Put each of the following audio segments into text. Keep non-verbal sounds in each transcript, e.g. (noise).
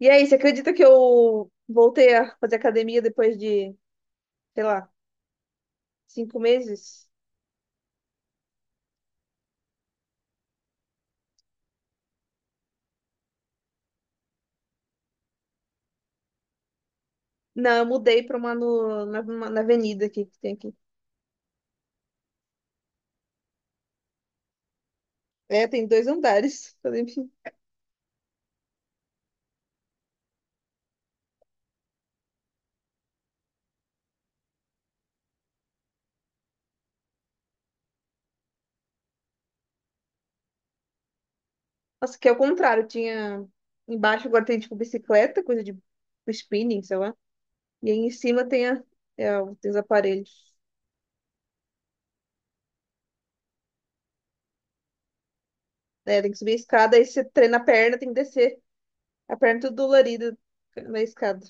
E aí, você acredita que eu voltei a fazer academia depois de, sei lá, 5 meses? Não, eu mudei para uma no- na, uma- na avenida aqui que tem aqui. É, tem dois andares. (laughs) "Enfim." Nossa, que é o contrário. Tinha embaixo agora tem tipo bicicleta, coisa de spinning, sei lá. E aí em cima tem os aparelhos. É, tem que subir a escada, aí você treina a perna, tem que descer. A perna tudo dolorida na escada.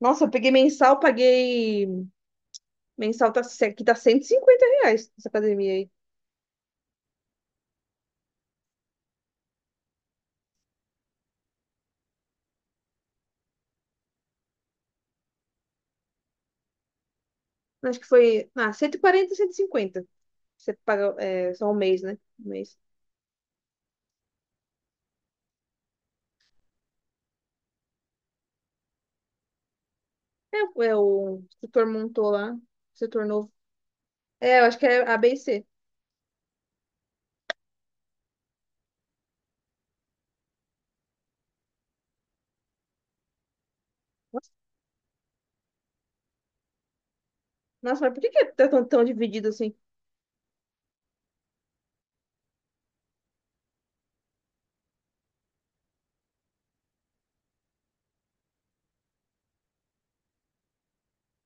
Nossa, eu peguei mensal, paguei. Mensal tá, aqui tá R$ 150 essa academia aí. Acho que foi. Ah, 140, 150. Você paga é, só um mês, né? Um mês. É, é, o instrutor montou lá. Setor novo. É, eu acho que é A, B e C. Nossa, nossa, mas por que que tá tão, tão dividido assim?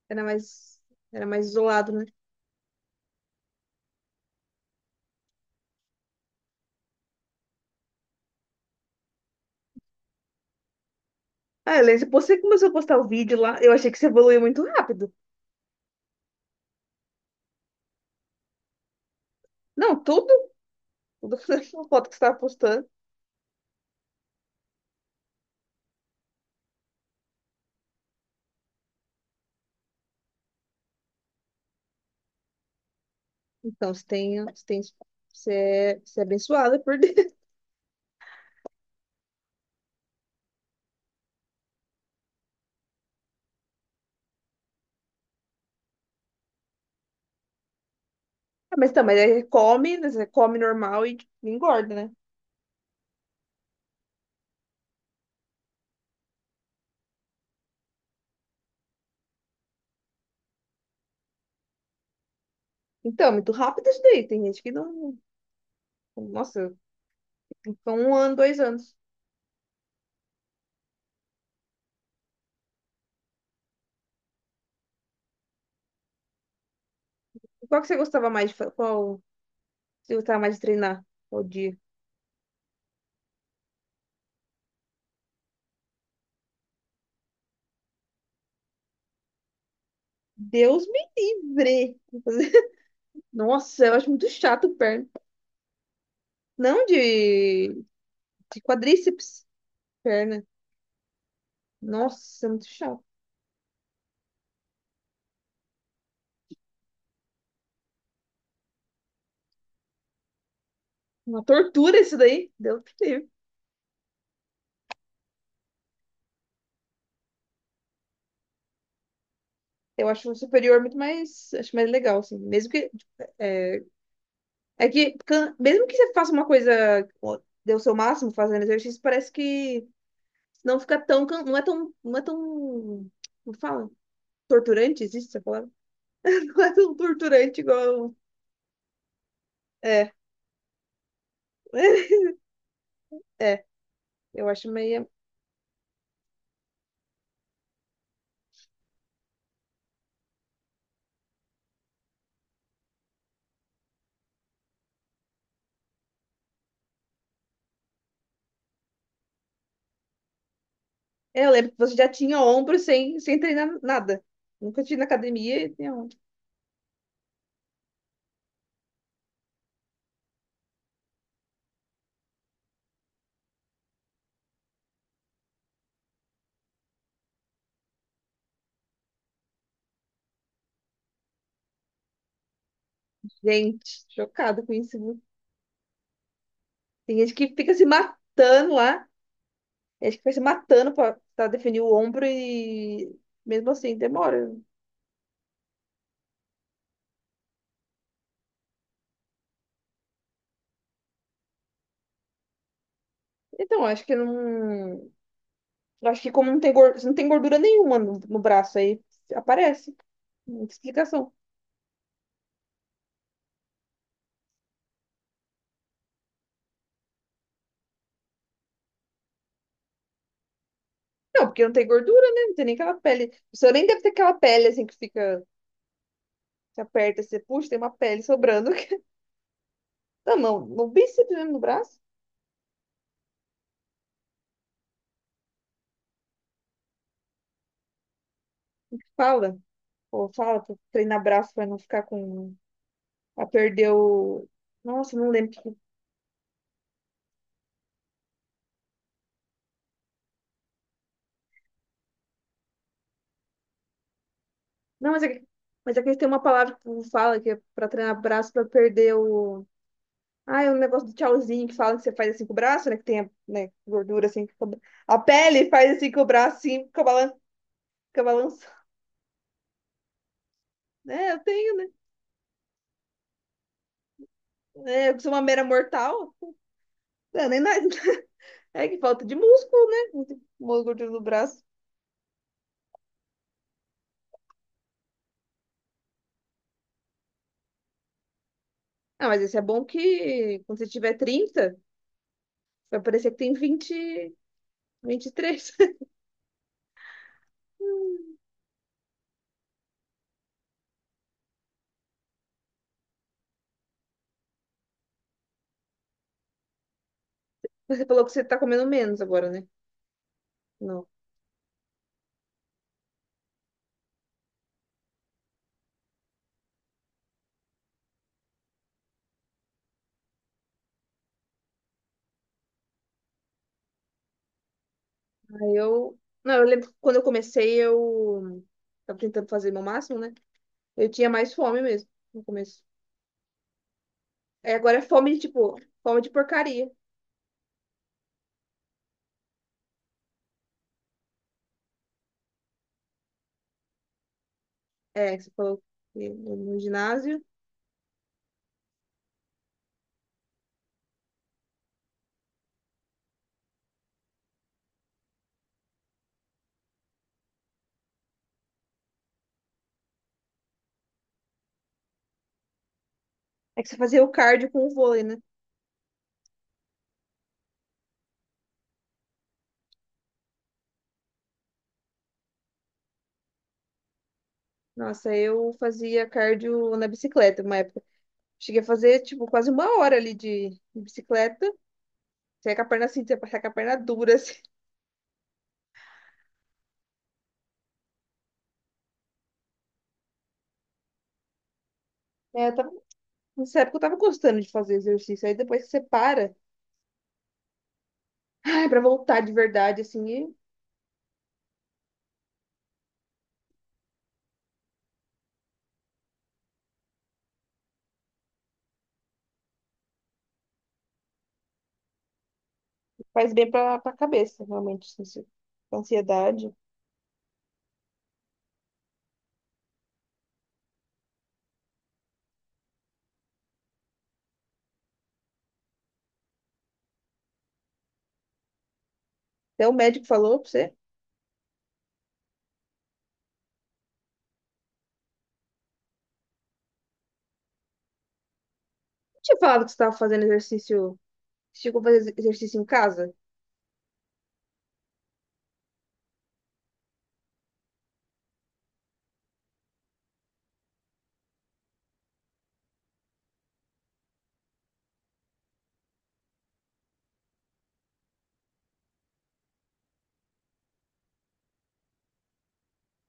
Era mais, era mais isolado, né? Ah, Helena, você começou a postar o vídeo lá. Eu achei que você evoluiu muito rápido. Não, tudo. Tudo (laughs) a foto que você estava postando. Então, você tem, você é abençoada por Deus. Ah, mas tá, mas aí come, né, você come normal e tipo, engorda, né? Então, é muito rápido isso daí. Tem gente que não. Nossa, fica um ano, 2 anos. Qual você gostava mais de treinar? Qual dia? Deus me livre! (laughs) Nossa, eu acho muito chato perna. Não de quadríceps, perna. Nossa, é muito chato. Uma tortura isso daí. Deus me livre. Eu acho o superior muito mais, acho mais legal, assim. Mesmo que é, mesmo que você faça uma coisa, ó, dê o seu máximo fazendo exercício, parece que não é tão, como fala? Torturante, existe essa palavra? (laughs) Não é tão torturante igual, um, é, (laughs) é, eu acho meio, é, eu lembro que você já tinha ombro sem treinar nada. Nunca tinha na academia e tinha ombro. Gente, chocada com isso, viu? Tem gente que fica se matando lá, tem gente que fica se matando pra definir o ombro e mesmo assim demora. Então, acho que não. Acho que como não tem gordura nenhuma no braço, aí aparece. Muita explicação. Não, porque não tem gordura, né? Não tem nem aquela pele. O senhor nem deve ter aquela pele assim que fica. Você aperta, você puxa, tem uma pele sobrando. (laughs) Não, não. No bíceps mesmo, no braço. Fala. Pô, fala pra treinar braço pra não ficar com. Pra perder o. Nossa, não lembro. Não, mas é que tem uma palavra que o povo fala que é pra treinar braço pra perder o. Ah, é um negócio do tchauzinho que fala que você faz assim com o braço, né? Que tem, né, gordura assim, A pele faz assim com o braço, assim, fica balançando. É, eu tenho, né? É, eu sou uma mera mortal. É, nem nada. (laughs) É que falta de músculo, né? Não tem gordura no braço. Ah, mas esse é bom que quando você tiver 30, vai parecer que tem 20, 23. (laughs) Você falou que você tá comendo menos agora, né? Não. Aí eu. Não, eu lembro que quando eu comecei, eu tava tentando fazer meu máximo, né? Eu tinha mais fome mesmo no começo. É, agora é fome de, tipo, fome de porcaria. É, que você falou que no ginásio. É que você fazia o cardio com o vôlei, né? Nossa, eu fazia cardio na bicicleta uma época. Cheguei a fazer, tipo, quase uma hora ali de bicicleta. Você ia com a perna assim, você ia passar com a perna dura, assim. É, eu tava, nessa época eu tava gostando de fazer exercício. Aí depois que você para, ai, pra voltar de verdade, assim, e faz bem pra cabeça, realmente, assim, ansiedade. Até o médico falou pra você. Tinha falado que você estava fazendo exercício. Você chegou a fazer exercício em casa?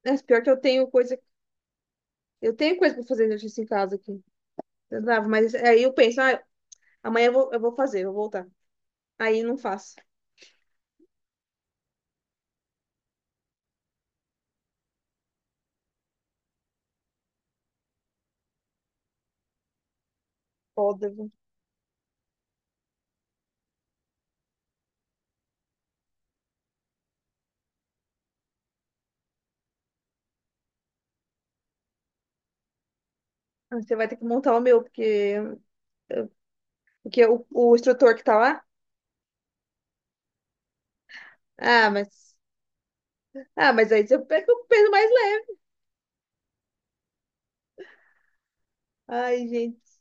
É, pior que eu tenho coisa. Eu tenho coisa para fazer exercício em casa aqui. Eu dava, mas aí eu penso, ah, amanhã eu vou fazer, eu vou voltar. Aí não faço. Foda, viu? Ah, você vai ter que montar o meu, porque, eu- porque o instrutor que tá lá. Ah, mas. Ah, mas aí você pega o peso mais leve. Ai, gente.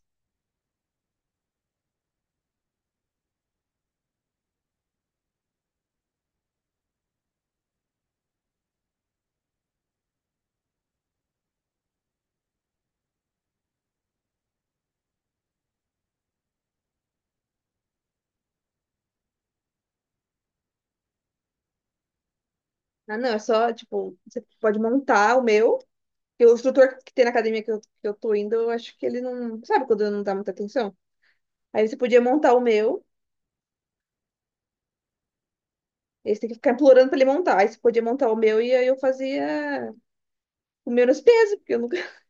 Ah, não, é só, tipo, você pode montar o meu. E o instrutor que tem na academia que eu tô indo, eu acho que ele não. Sabe quando não dá muita atenção? Aí você podia montar o meu. Eles têm que ficar implorando pra ele montar. Aí você podia montar o meu e aí eu fazia o menos peso, porque eu nunca. (laughs)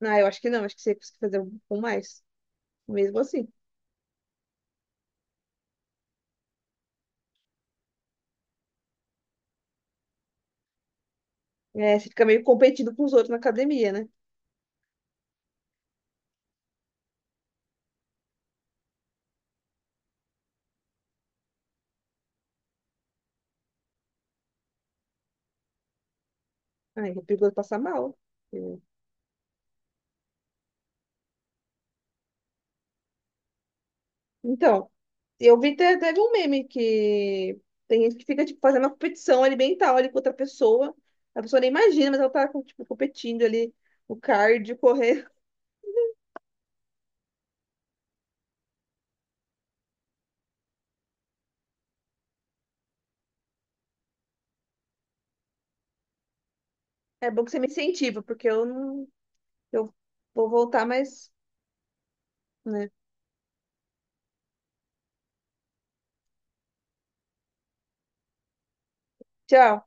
Não, eu acho que não, acho que você consegue fazer um com mais. Mesmo assim. É, você fica meio competindo com os outros na academia, né? Ai, é perigoso passar mal. É. Então, eu vi até, teve um meme que tem gente que fica, tipo, fazendo uma competição alimentar ali com outra pessoa. A pessoa nem imagina, mas ela tá, com, tipo, competindo ali o cardio, (laughs) correr. É bom que você me incentiva, porque eu não. Eu vou voltar mais, né? Tchau.